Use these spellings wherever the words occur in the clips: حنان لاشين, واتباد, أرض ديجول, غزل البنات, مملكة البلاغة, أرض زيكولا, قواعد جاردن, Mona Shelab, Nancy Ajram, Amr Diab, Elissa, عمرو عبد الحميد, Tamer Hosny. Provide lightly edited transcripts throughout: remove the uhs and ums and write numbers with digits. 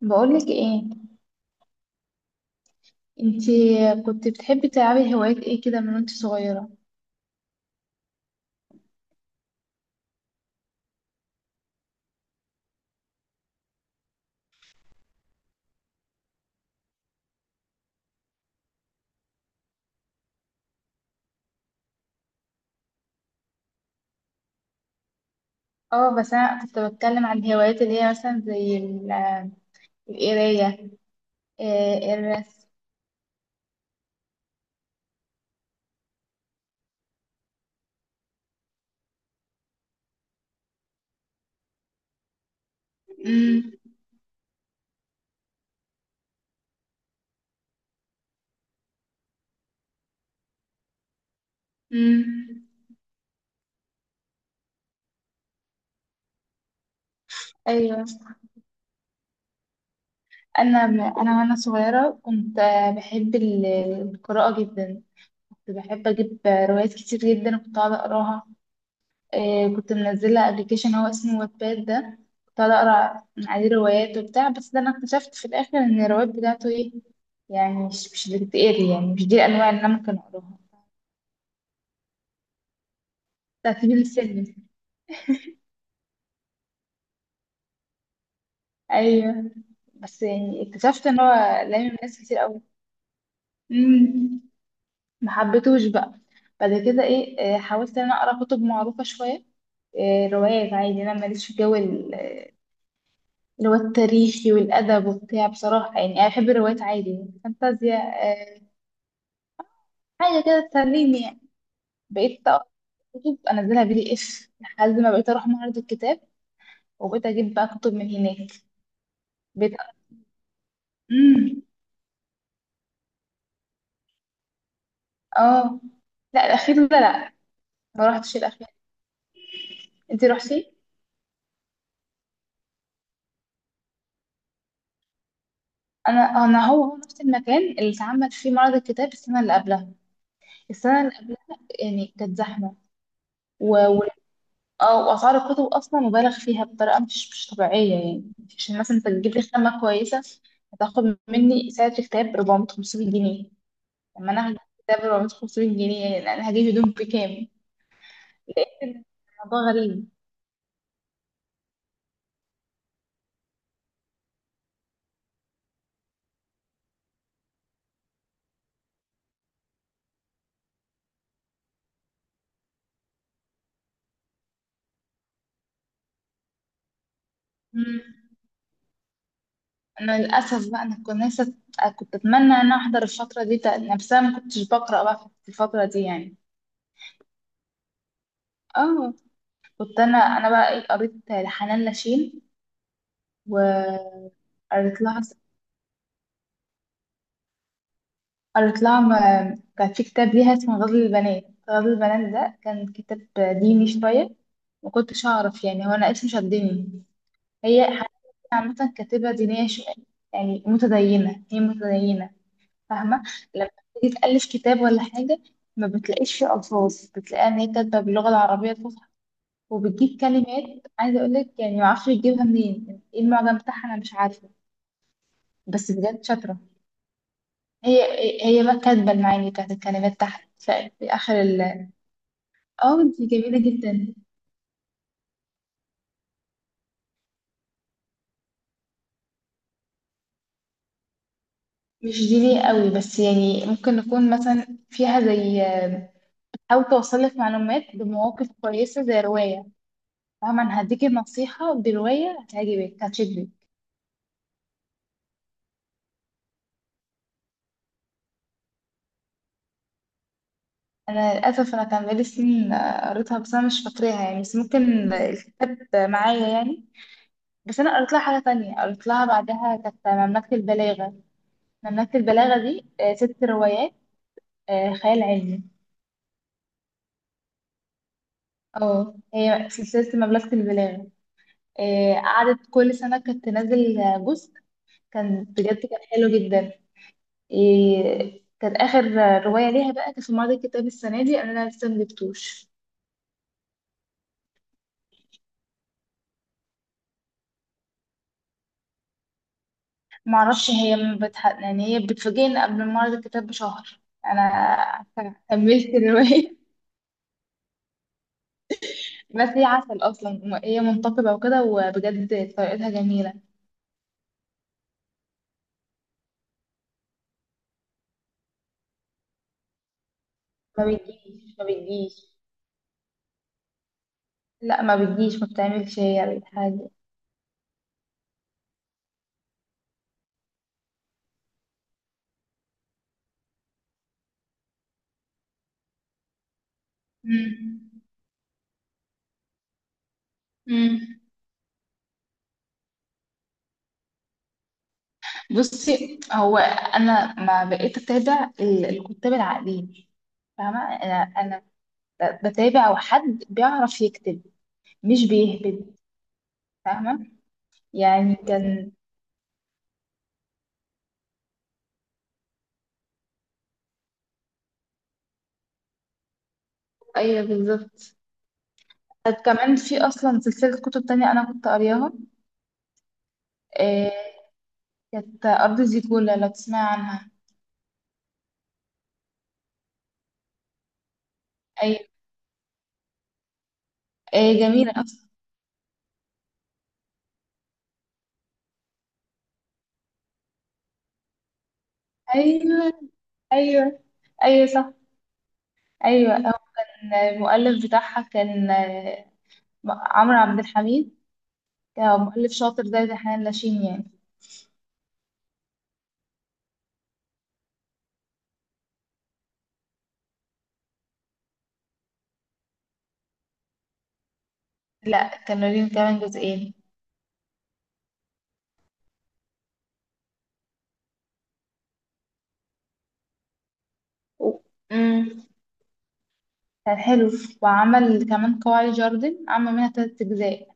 بقولك ايه؟ انتي كنت بتحبي تلعبي هوايات ايه كده من وانت صغيرة؟ اه، بس انا كنت بتكلم عن الهوايات اللي هي مثلا زي القراية. آه، الرسم. مم، مم، ايوه. انا وانا صغيرة كنت بحب القراءة جدا. كنت بحب اجيب روايات كتير جدا وكنت اقعد اقراها. كنت منزلة ابلكيشن هو اسمه واتباد ده، كنت قاعدة اقرا من عليه روايات وبتاع، بس ده انا اكتشفت في الاخر ان الروايات بتاعته ايه، يعني مش بتتقري، يعني مش دي الانواع اللي انا ممكن اقراها. بتاعت سبيل السلم. ايوه، بس يعني اكتشفت ان هو لامم ناس كتير قوي. امم، ما حبيتهوش بقى. بعد كده ايه، حاولت ان انا اقرا كتب معروفة شوية. آه، روايات عادي انا ماليش في جو اللي هو التاريخي والأدب وبتاع. بصراحة يعني أنا بحب الروايات عادي يعني فانتازيا. آه، حاجة كده تسليني يعني. بقيت أقرأ كتب أنزلها بي دي إف لحد ما بقيت أروح معرض الكتاب، وبقيت أجيب بقى كتب من هناك. بقيت امم. اه، لا، الأخير ده لا، ما رحتش الأخير. أنت رحتي؟ أنا هو نفس المكان اللي اتعمل فيه معرض الكتاب السنة اللي قبلها. السنة اللي قبلها يعني كانت زحمة. اه، واسعار الكتب اصلا مبالغ فيها بطريقه مش طبيعيه يعني. عشان مثلا انت تجيب لي خامه كويسه هتاخد مني سعر الكتاب 400 500 جنيه. لما انا هجيب كتاب 400 500 جنيه، يعني انا هجيب هدوم بكام؟ لقيت الموضوع غريب. مم. انا للاسف بقى، انا كنت نفسي، كنت اتمنى ان انا احضر الفتره دي، نفسها ما كنتش بقرا بقى في الفتره دي يعني. اه، كنت انا بقى ايه، قريت لحنان لاشين. وقريت لها، قريت لها كان في كتاب ليها اسمه غزل البنات. غزل البنات ده كان كتاب ديني شوية، ما كنتش أعرف، يعني هو أنا اسمه شدني. هي حقيقة عامة كاتبة دينية شوية، يعني متدينة، هي متدينة. فاهمة؟ لما تيجي تألف كتاب ولا حاجة ما بتلاقيش فيه ألفاظ، بتلاقيها إن هي كاتبة باللغة العربية الفصحى، وبتجيب كلمات، عايزة أقولك يعني معرفش بتجيبها منين، يعني إيه المعجم بتاعها، أنا مش عارفة. بس بجد شاطرة. هي هي بقى كاتبة المعاني بتاعت الكلمات تحت، في آخر ال... اه، دي جميلة جدا. مش دي ليه قوي، بس يعني ممكن نكون مثلا فيها زي آه، بتحاول توصل لك معلومات بمواقف كويسة زي رواية، فاهمة؟ أنا هديكي نصيحة برواية هتعجبك هتشدك. أنا للأسف أنا كان بقالي سنين آه، قريتها بس أنا مش فاكراها يعني، بس ممكن الكتاب معايا يعني. بس أنا قريت لها حاجة تانية، قريت لها بعدها كانت مملكة البلاغة. مملكة البلاغة دي آه، ست روايات، آه، خيال علمي. اه، هي سلسلة مملكة البلاد. إيه، قعدت كل سنة كانت تنزل جزء. كان بجد كان حلو جدا. إيه، كان آخر رواية ليها بقى كانت في معرض الكتاب السنة دي، أنا لسه مجبتوش. معرفش، هي ما بتح... يعني هي بتفاجئني قبل معرض الكتاب بشهر. أنا كملت الرواية. بس هي عسل أصلا، هي منتقبة وكده، وبجد طريقتها جميلة. ما بتجيش، ما بتجيش. لا، ما بتجيش، ما بتعملش هي حاجة. مم. مم. بصي، هو انا ما بقيت اتابع الكتاب العقليين. فاهمه؟ انا بتابع حد بيعرف يكتب، مش بيهبد. فاهمه؟ يعني كان ايوه بالظبط. طب كمان في اصلا سلسله كتب تانية انا كنت قارياها. آه، كانت ارض زيكولا، لو تسمع عنها. ايوه، آه، جميله اصلا. ايوه، ايوه، ايوه صح. ايوه، هو كان المؤلف بتاعها كان آه، عمرو عبد الحميد. كمؤلف شاطر زي دحان لاشين يعني. لا، كانوا كمان جزئين. و- مم، كان حلو. وعمل كمان قواعد جاردن، عمل منها تلات أجزاء.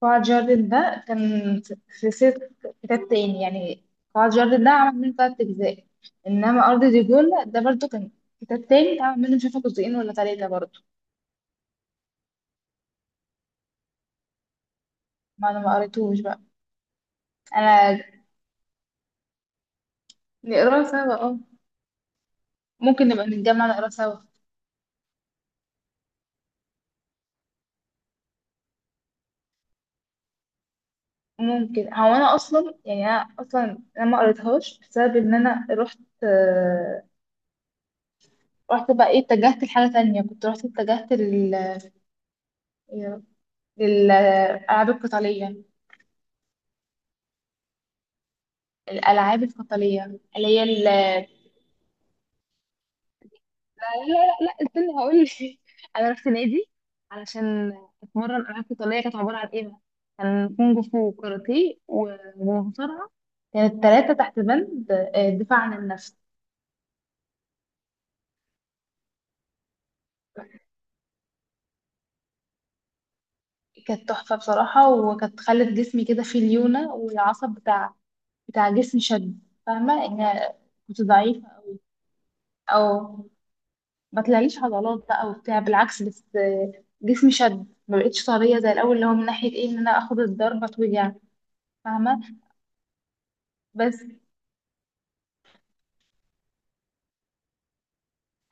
قواعد جاردن ده كان في سلسلة كتاب تاني يعني. قواعد جاردن ده عمل منه تلات أجزاء. إنما أرض ديجول ده برضو كان كتاب تاني اتعمل منه مش عارفة جزئين ولا تلاتة برضو. ما أنا ما قريتوش بقى. أنا نقراه سوا، اه. ممكن نبقى نتجمع نقراه سوا. ممكن، هو انا اصلا يعني انا اصلا انا ما قريتهاش بسبب ان انا رحت آه، رحت بقى ايه، اتجهت لحاجه تانية. كنت رحت، اتجهت لل يا- للالعاب القتاليه. الالعاب القتاليه اللي هي ال... لا، لا، لا، لا، استنى هقول لك. انا رحت نادي علشان اتمرن العاب قتاليه. كانت عباره عن ايه بقى؟ كان كونج فو وكاراتيه ومصارعه. كانت ثلاثه تحت بند آه، دفاع عن النفس. كانت تحفة بصراحة، وكانت خلت جسمي كده فيه ليونة، والعصب بتاع بتاع جسمي شد. فاهمة ان كنت ضعيفة أوي، أو ما طلعليش عضلات بقى وبتاع، بالعكس، بس جسمي شد، ما بقتش طرية زي الأول. اللي هو من ناحية ايه، ان انا اخد الضربة توجع. فاهمة؟ بس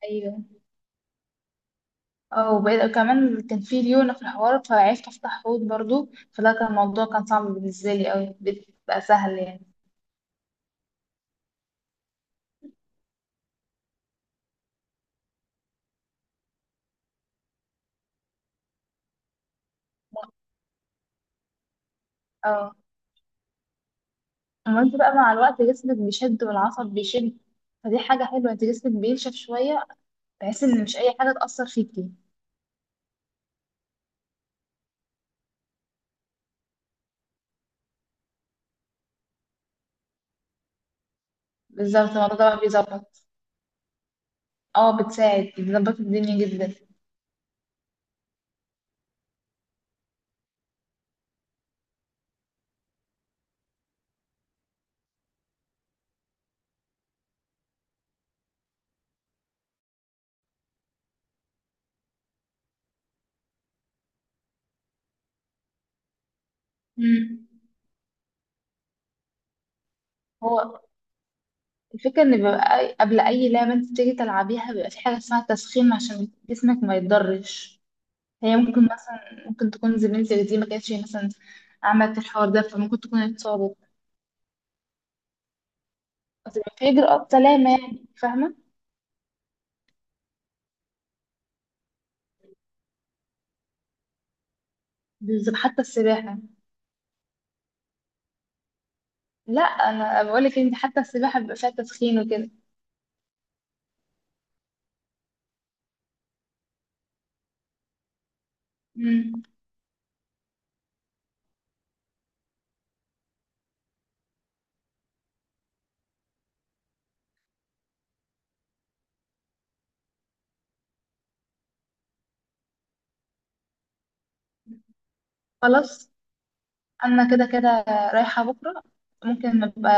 ايوه، اه. وبقيت كمان كان في ليونة في الحوار، فعرفت افتح حوض برضو. فده كان الموضوع كان صعب بالنسبة لي أوي، بقى سهل. يعني اما انت بقى مع الوقت جسمك بيشد، والعصب بيشد، فدي حاجة حلوة. انت جسمك بينشف شوية، بحيث ان مش اي حاجة تأثر فيكي. بالظبط، الموضوع ده بقى بيظبط. اه، بتساعد، بتظبط الدنيا جدا. مم. هو الفكرة ان بيبقى قبل اي لعبة انت بتيجي تلعبيها بيبقى في حاجة اسمها تسخين، عشان جسمك ما يتضرش. هي ممكن مثلا، ممكن تكون زميلتك دي ما كانتش مثلا عملت الحوار ده، فممكن تكون اتصابت. بس بيبقى في إجراءات سلامة يعني، فاهمة؟ بالظبط حتى السباحة. لا، انا بقول لك انت حتى السباحه بيبقى فيها تسخين وكده. امم، خلاص، انا كده كده رايحه بكره. ممكن ابقى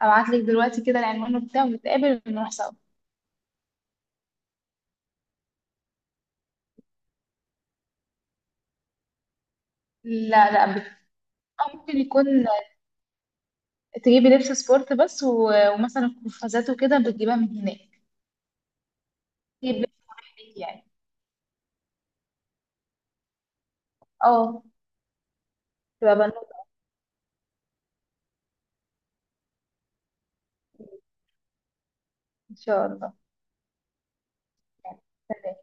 ابعت لك دلوقتي كده العنوان بتاعه ونتقابل ونروح سوا. لا لا، أو ممكن يكون تجيبي لبس سبورت بس، ومثلا قفازات وكده بتجيبها من هناك. تجيب لبس مريح ليكي يعني. اه، تبقى بنوتة. ان شاء الله. يعني، سلام.